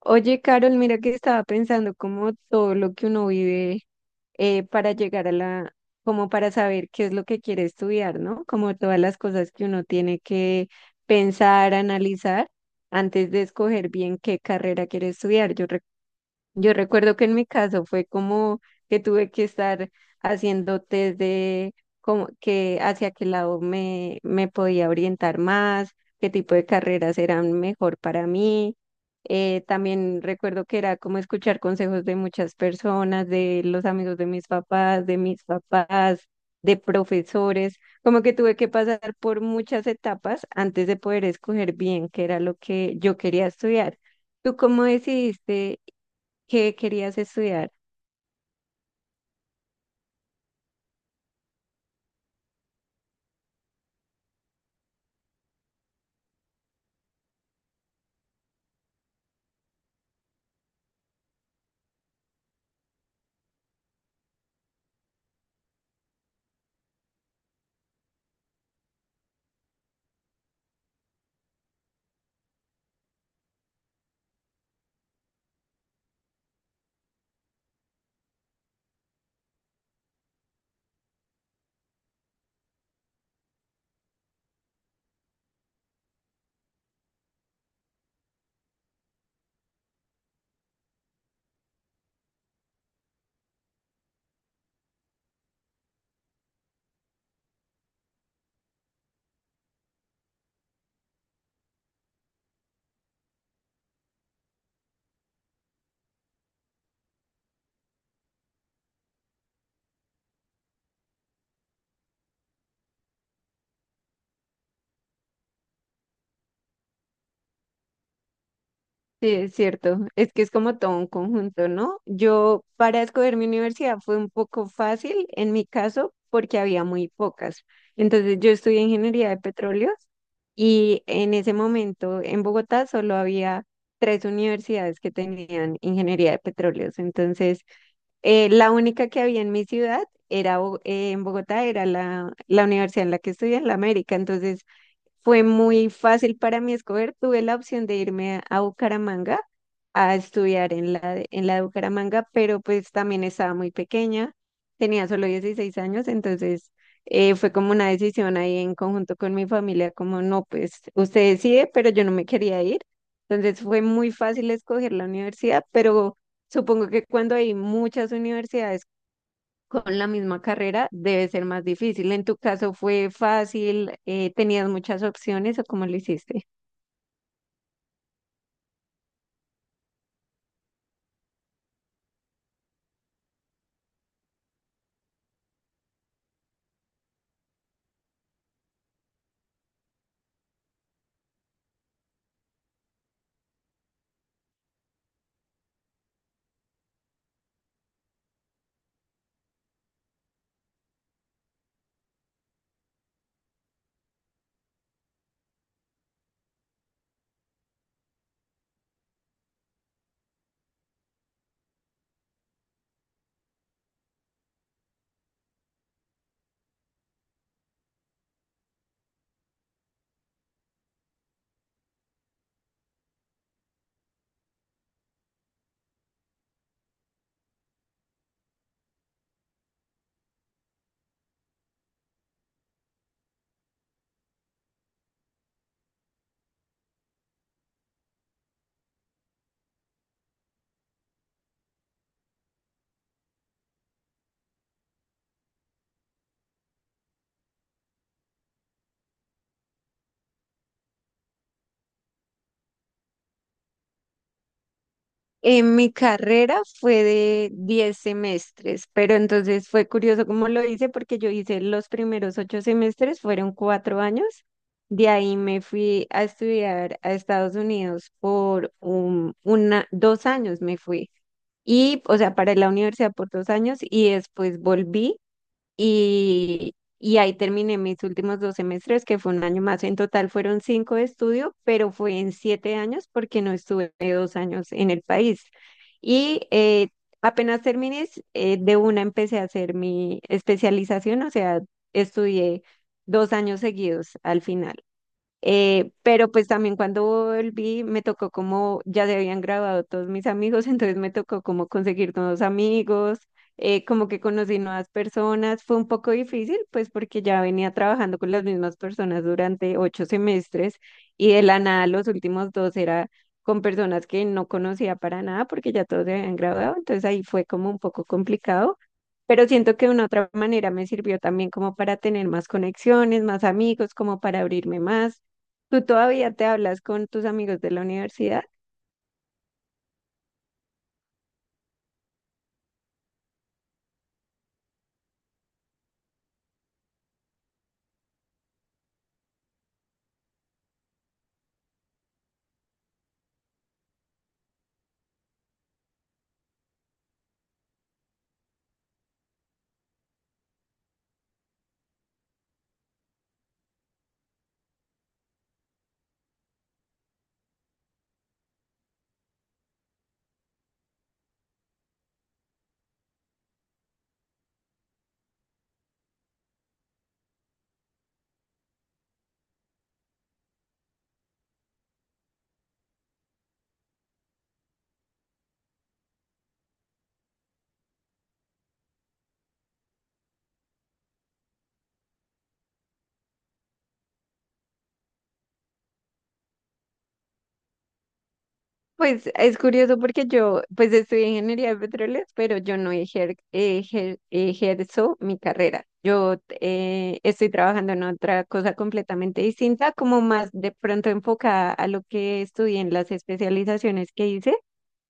Oye, Carol, mira que estaba pensando como todo lo que uno vive para llegar a la, como para saber qué es lo que quiere estudiar, ¿no? Como todas las cosas que uno tiene que pensar, analizar antes de escoger bien qué carrera quiere estudiar. Yo recuerdo que en mi caso fue como que tuve que estar haciendo test de como que hacia qué lado me podía orientar más, qué tipo de carreras eran mejor para mí. También recuerdo que era como escuchar consejos de muchas personas, de los amigos de mis papás, de mis papás, de profesores, como que tuve que pasar por muchas etapas antes de poder escoger bien qué era lo que yo quería estudiar. ¿Tú cómo decidiste? ¿Qué querías estudiar? Sí, es cierto. Es que es como todo un conjunto, ¿no? Yo para escoger mi universidad fue un poco fácil en mi caso porque había muy pocas. Entonces yo estudié ingeniería de petróleos y en ese momento en Bogotá solo había tres universidades que tenían ingeniería de petróleos. Entonces la única que había en mi ciudad era en Bogotá era la universidad en la que estudié en la América. Entonces fue muy fácil para mí escoger. Tuve la opción de irme a Bucaramanga a estudiar en la de Bucaramanga, pero pues también estaba muy pequeña, tenía solo 16 años. Entonces fue como una decisión ahí en conjunto con mi familia, como no, pues usted decide, pero yo no me quería ir. Entonces fue muy fácil escoger la universidad, pero supongo que cuando hay muchas universidades con la misma carrera debe ser más difícil. ¿En tu caso fue fácil? ¿Tenías muchas opciones o cómo lo hiciste? En mi carrera fue de 10 semestres, pero entonces fue curioso cómo lo hice porque yo hice los primeros 8 semestres, fueron 4 años. De ahí me fui a estudiar a Estados Unidos por 2 años me fui. Y, o sea, para la universidad por 2 años y después volví y ahí terminé mis últimos 2 semestres, que fue un año más. En total fueron cinco de estudio, pero fue en 7 años porque no estuve 2 años en el país. Y eh, Apenas terminé, de una empecé a hacer mi especialización, o sea, estudié 2 años seguidos al final. Pero pues también cuando volví me tocó como ya se habían graduado todos mis amigos, entonces me tocó como conseguir nuevos amigos, como que conocí nuevas personas. Fue un poco difícil pues porque ya venía trabajando con las mismas personas durante 8 semestres y de la nada los últimos dos era con personas que no conocía para nada porque ya todos se habían graduado, entonces ahí fue como un poco complicado. Pero siento que de una otra manera me sirvió también como para tener más conexiones, más amigos, como para abrirme más. ¿Tú todavía te hablas con tus amigos de la universidad? Pues es curioso porque yo, pues estudié ingeniería de petróleos, pero yo no ejerzo mi carrera. Yo estoy trabajando en otra cosa completamente distinta, como más de pronto enfocada a lo que estudié en las especializaciones que hice.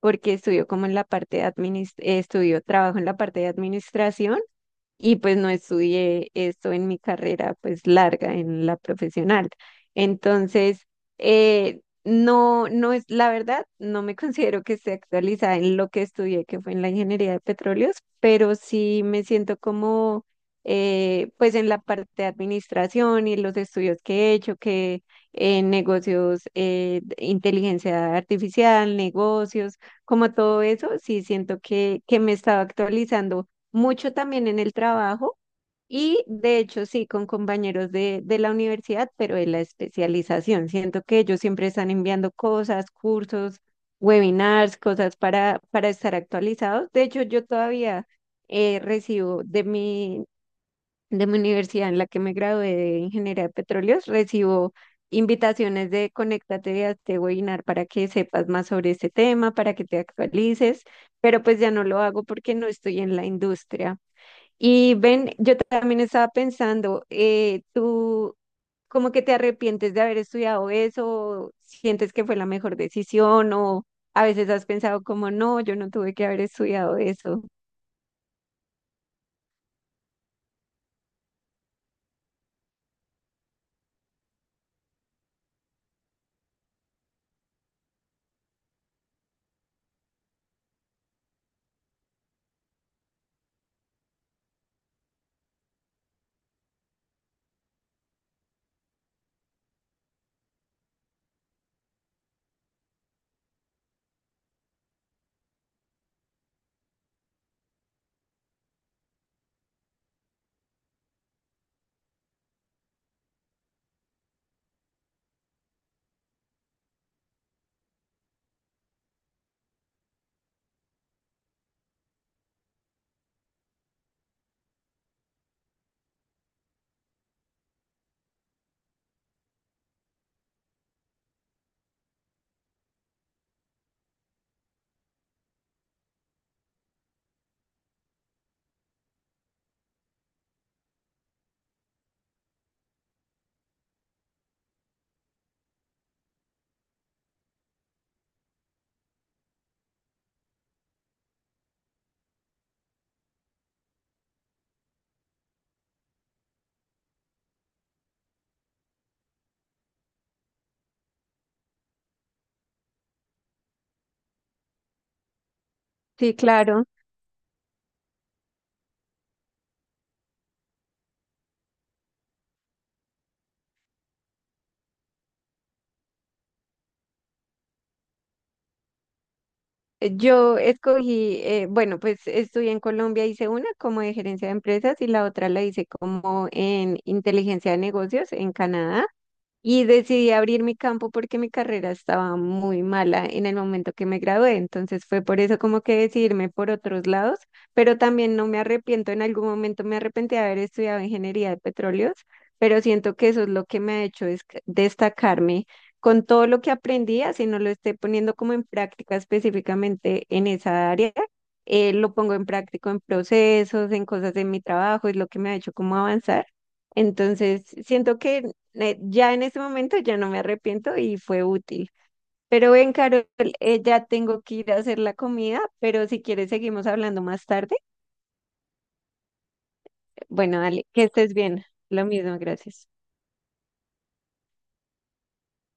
Porque estudió como en la parte de estudió trabajo en la parte de administración y pues no estudié esto en mi carrera pues larga, en la profesional. Entonces, no, no es, la verdad, no me considero que esté actualizada en lo que estudié, que fue en la ingeniería de petróleos, pero sí me siento como pues en la parte de administración y los estudios que he hecho, que en negocios, de inteligencia artificial, negocios, como todo eso, sí siento que me estaba actualizando mucho también en el trabajo y de hecho sí con compañeros de la universidad, pero de la especialización. Siento que ellos siempre están enviando cosas, cursos, webinars, cosas para estar actualizados. De hecho, yo todavía recibo de mi universidad en la que me gradué de ingeniería de petróleos, recibo invitaciones de conéctate a este webinar para que sepas más sobre este tema, para que te actualices, pero pues ya no lo hago porque no estoy en la industria. Y ven, yo también estaba pensando, tú como que te arrepientes de haber estudiado eso, sientes que fue la mejor decisión o a veces has pensado como no, yo no tuve que haber estudiado eso. Sí, claro. Yo escogí, bueno, pues estudié en Colombia, hice una como de gerencia de empresas y la otra la hice como en inteligencia de negocios en Canadá. Y decidí abrir mi campo porque mi carrera estaba muy mala en el momento que me gradué, entonces fue por eso como que decidirme por otros lados, pero también no me arrepiento, en algún momento me arrepentí de haber estudiado ingeniería de petróleos, pero siento que eso es lo que me ha hecho es destacarme con todo lo que aprendí, así no lo esté poniendo como en práctica específicamente en esa área. Lo pongo en práctico en procesos, en cosas de mi trabajo, es lo que me ha hecho como avanzar. Entonces, siento que ya en ese momento ya no me arrepiento y fue útil. Pero ven, Carol, ya tengo que ir a hacer la comida, pero si quieres seguimos hablando más tarde. Bueno, dale, que estés bien. Lo mismo, gracias.